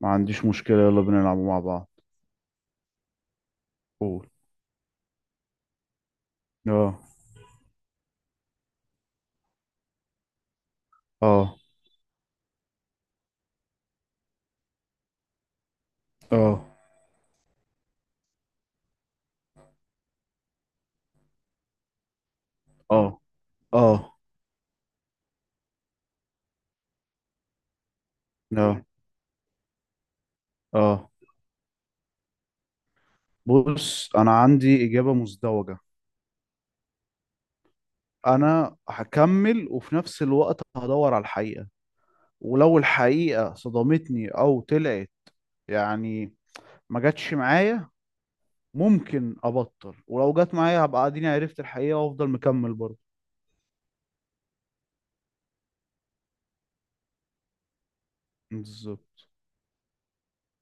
ما عنديش مشكلة، يلا بينا نلعبوا مع بعض. قول. اه، اه، اه، اه، اه، اه، اه. بص، انا عندي اجابة مزدوجة. انا هكمل وفي نفس الوقت هدور على الحقيقة، ولو الحقيقة صدمتني او طلعت، يعني، ما جاتش معايا، ممكن ابطل، ولو جت معايا هبقى اديني عرفت الحقيقة وافضل مكمل برضه. بالظبط.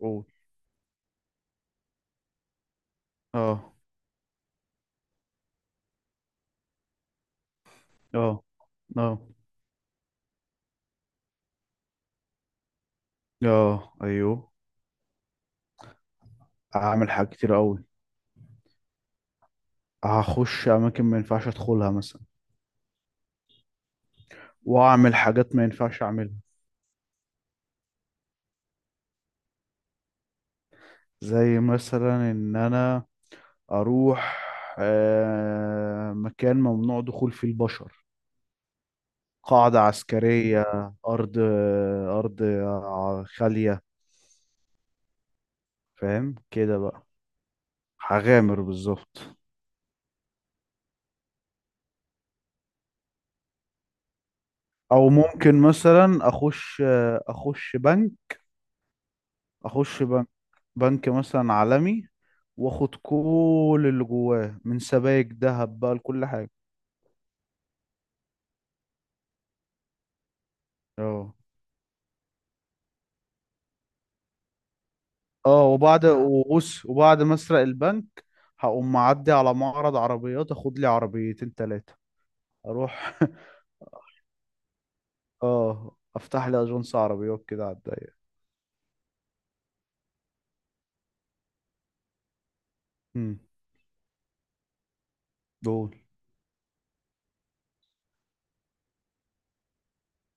قول. اه، اه، اه، اه. ايوه، هعمل حاجات كتير قوي. هخش اماكن ما ينفعش ادخلها مثلا، واعمل حاجات ما ينفعش اعملها. زي مثلا ان انا اروح مكان ممنوع دخول فيه البشر، قاعدة عسكرية، ارض ارض خالية. فاهم كده بقى. هغامر بالظبط. او ممكن مثلا اخش بنك مثلا عالمي، واخد كل اللي جواه من سبائك ذهب بقى لكل حاجة. اه. اه، وبعد آه. وبص وبعد ما اسرق البنك هقوم معدي على معرض عربيات، اخد لي عربيتين تلاتة. اروح. اه، افتح لي اجنس عربيات كده على الضيق. امم دول.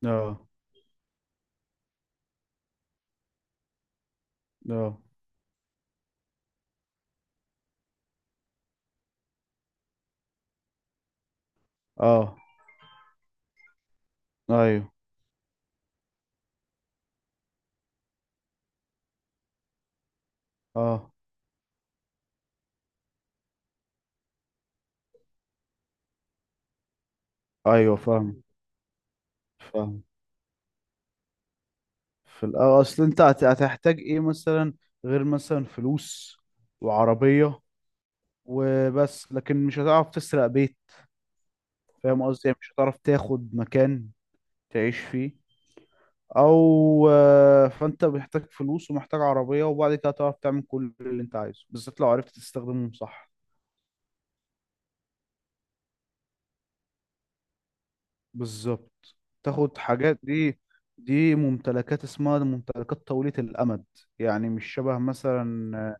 اه. اه. اه. ايوه. اه. ايوه، فاهم. فاهم. في الاول، اصل انت هتحتاج ايه مثلا، غير مثلا فلوس وعربية. وبس، لكن مش هتعرف تسرق بيت. فاهم قصدي؟ يعني مش هتعرف تاخد مكان تعيش فيه او فانت محتاج فلوس ومحتاج عربية، وبعد كده تعرف تعمل كل اللي انت عايزه، بالذات لو عرفت تستخدمهم صح. بالظبط. تاخد حاجات دي. دي ممتلكات، اسمها ممتلكات طويلة الأمد. يعني مش شبه مثلا،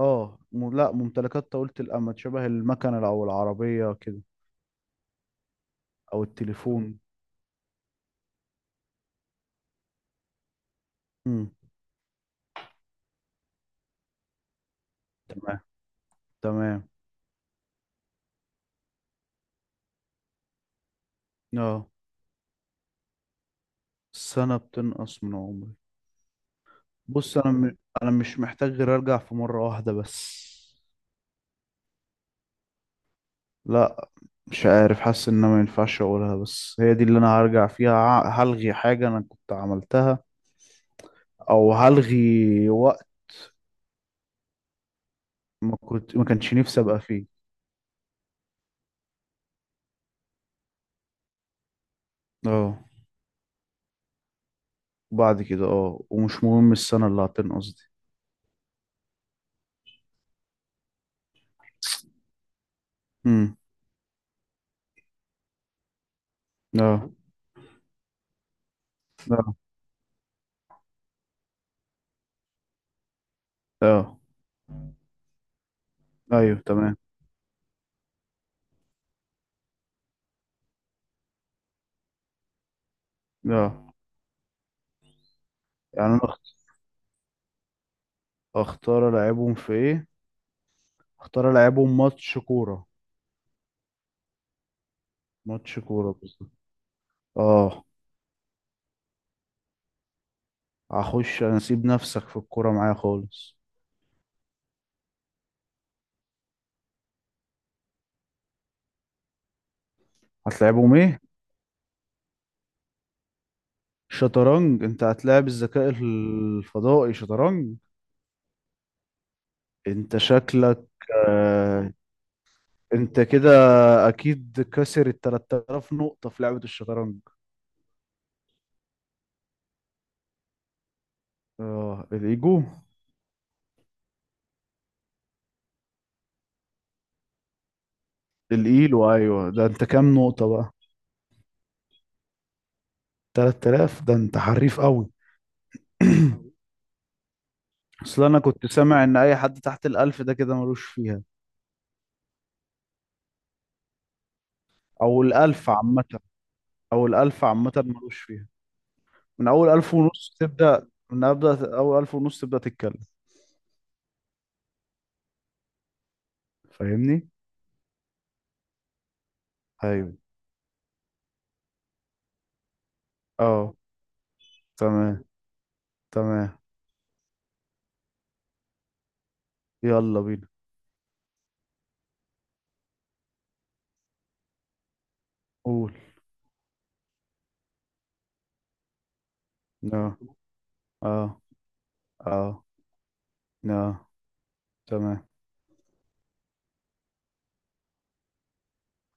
لا، ممتلكات طويلة الأمد شبه المكنة أو العربية كده، أو التليفون. مم. تمام. تمام. اه، السنة بتنقص من عمري. بص أنا أنا مش محتاج غير أرجع في مرة واحدة بس. لا، مش عارف، حاسس ان أنا ما ينفعش اقولها بس هي دي اللي انا هرجع فيها، هلغي حاجة انا كنت عملتها او هلغي وقت ما كنت ما كانش نفسي ابقى فيه. اه. بعد كده اه، ومش مهم السنة اللي هتنقص دي. امم. اه. اه. اه. ايوه، تمام. اه، يعني انا اختار العبهم في ايه. اختار العبهم ماتش كورة. ماتش كورة بالظبط. اه، هخش انا اسيب نفسك في الكورة معايا خالص. هتلعبهم ايه؟ شطرنج؟ انت هتلاعب الذكاء الفضائي شطرنج؟ انت شكلك. آه. انت كده اكيد كسر ال 3000 نقطة في لعبة الشطرنج. اه، الايجو. الايلو، ايوه، ده انت كام نقطة بقى؟ 3000؟ ده انت حريف قوي. اصل انا كنت سامع ان اي حد تحت الالف ده كده ملوش فيها. او الالف عامة. او الالف عامة ملوش فيها. من اول الف ونص تبدأ، من ابدأ اول الف ونص تبدأ تتكلم. فاهمني؟ ايوه. اه. تمام. تمام. يلا بينا. قول. لا. اه. اه. لا. تمام.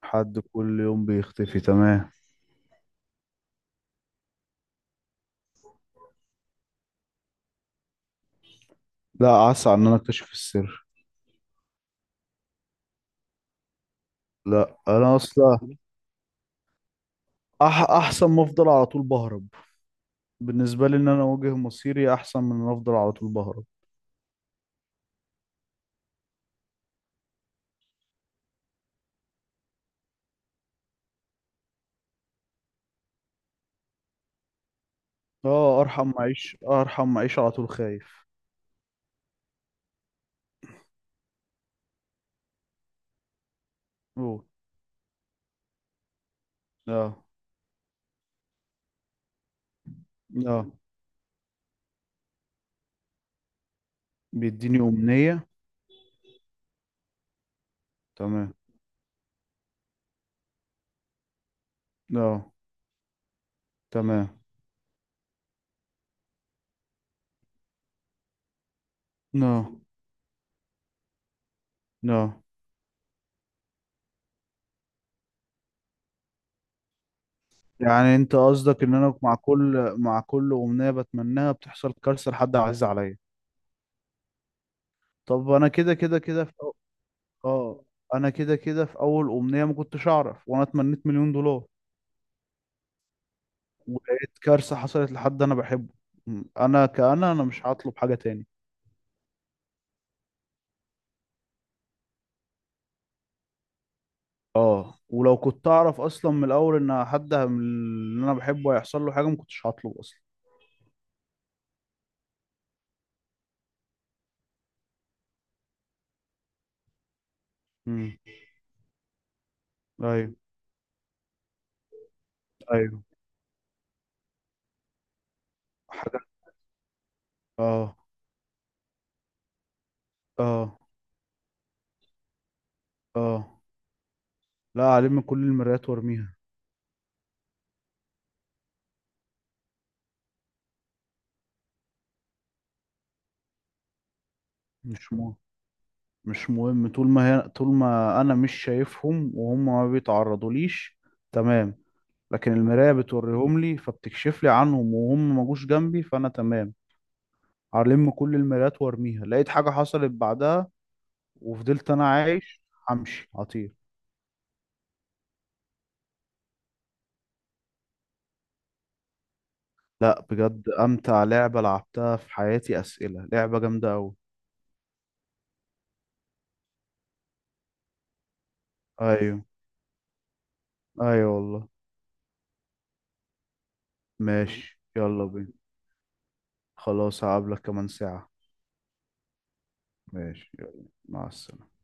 حد كل يوم بيختفي، تمام. لا، اسعى ان انا اكتشف السر. لا، انا اصلا، احسن ما افضل على طول بهرب. بالنسبه لي ان انا اواجه مصيري احسن من ان افضل على طول بهرب. اه، ارحم اعيش، ارحم اعيش على طول خايف. قول. لا. لا. بيديني امنيه. تمام. لا. تمام. لا. لا. يعني انت قصدك ان انا مع كل امنية بتمناها بتحصل كارثة لحد عزيز عليا؟ طب انا كده كده كده في اه، انا كده كده في اول امنية ما كنتش اعرف وانا اتمنيت 1,000,000 دولار، ولقيت كارثة حصلت لحد انا بحبه. انا انا مش هطلب حاجة تاني. اه، ولو كنت اعرف اصلا من الاول ان حد من اللي انا بحبه هيحصل له حاجة ما كنتش هطلب اصلا. امم. ايوه. ايوه. حاجة. اه. اه. اه، لا عليه من كل المرايات وارميها. مش مهم. مش مهم، طول ما هي، طول ما انا مش شايفهم وهم ما بيتعرضوا ليش، تمام. لكن المراية بتوريهم لي فبتكشف لي عنهم وهم ما جوش جنبي، فانا تمام. هلم كل المرايات وارميها، لقيت حاجة حصلت بعدها وفضلت انا عايش، همشي هطير. لا، بجد امتع لعبة لعبتها في حياتي، اسئلة لعبة جامدة اوي. ايوه. ايوه، والله. ماشي، يلا بينا. خلاص، هقابلك كمان ساعة. ماشي، يلا، مع السلامة.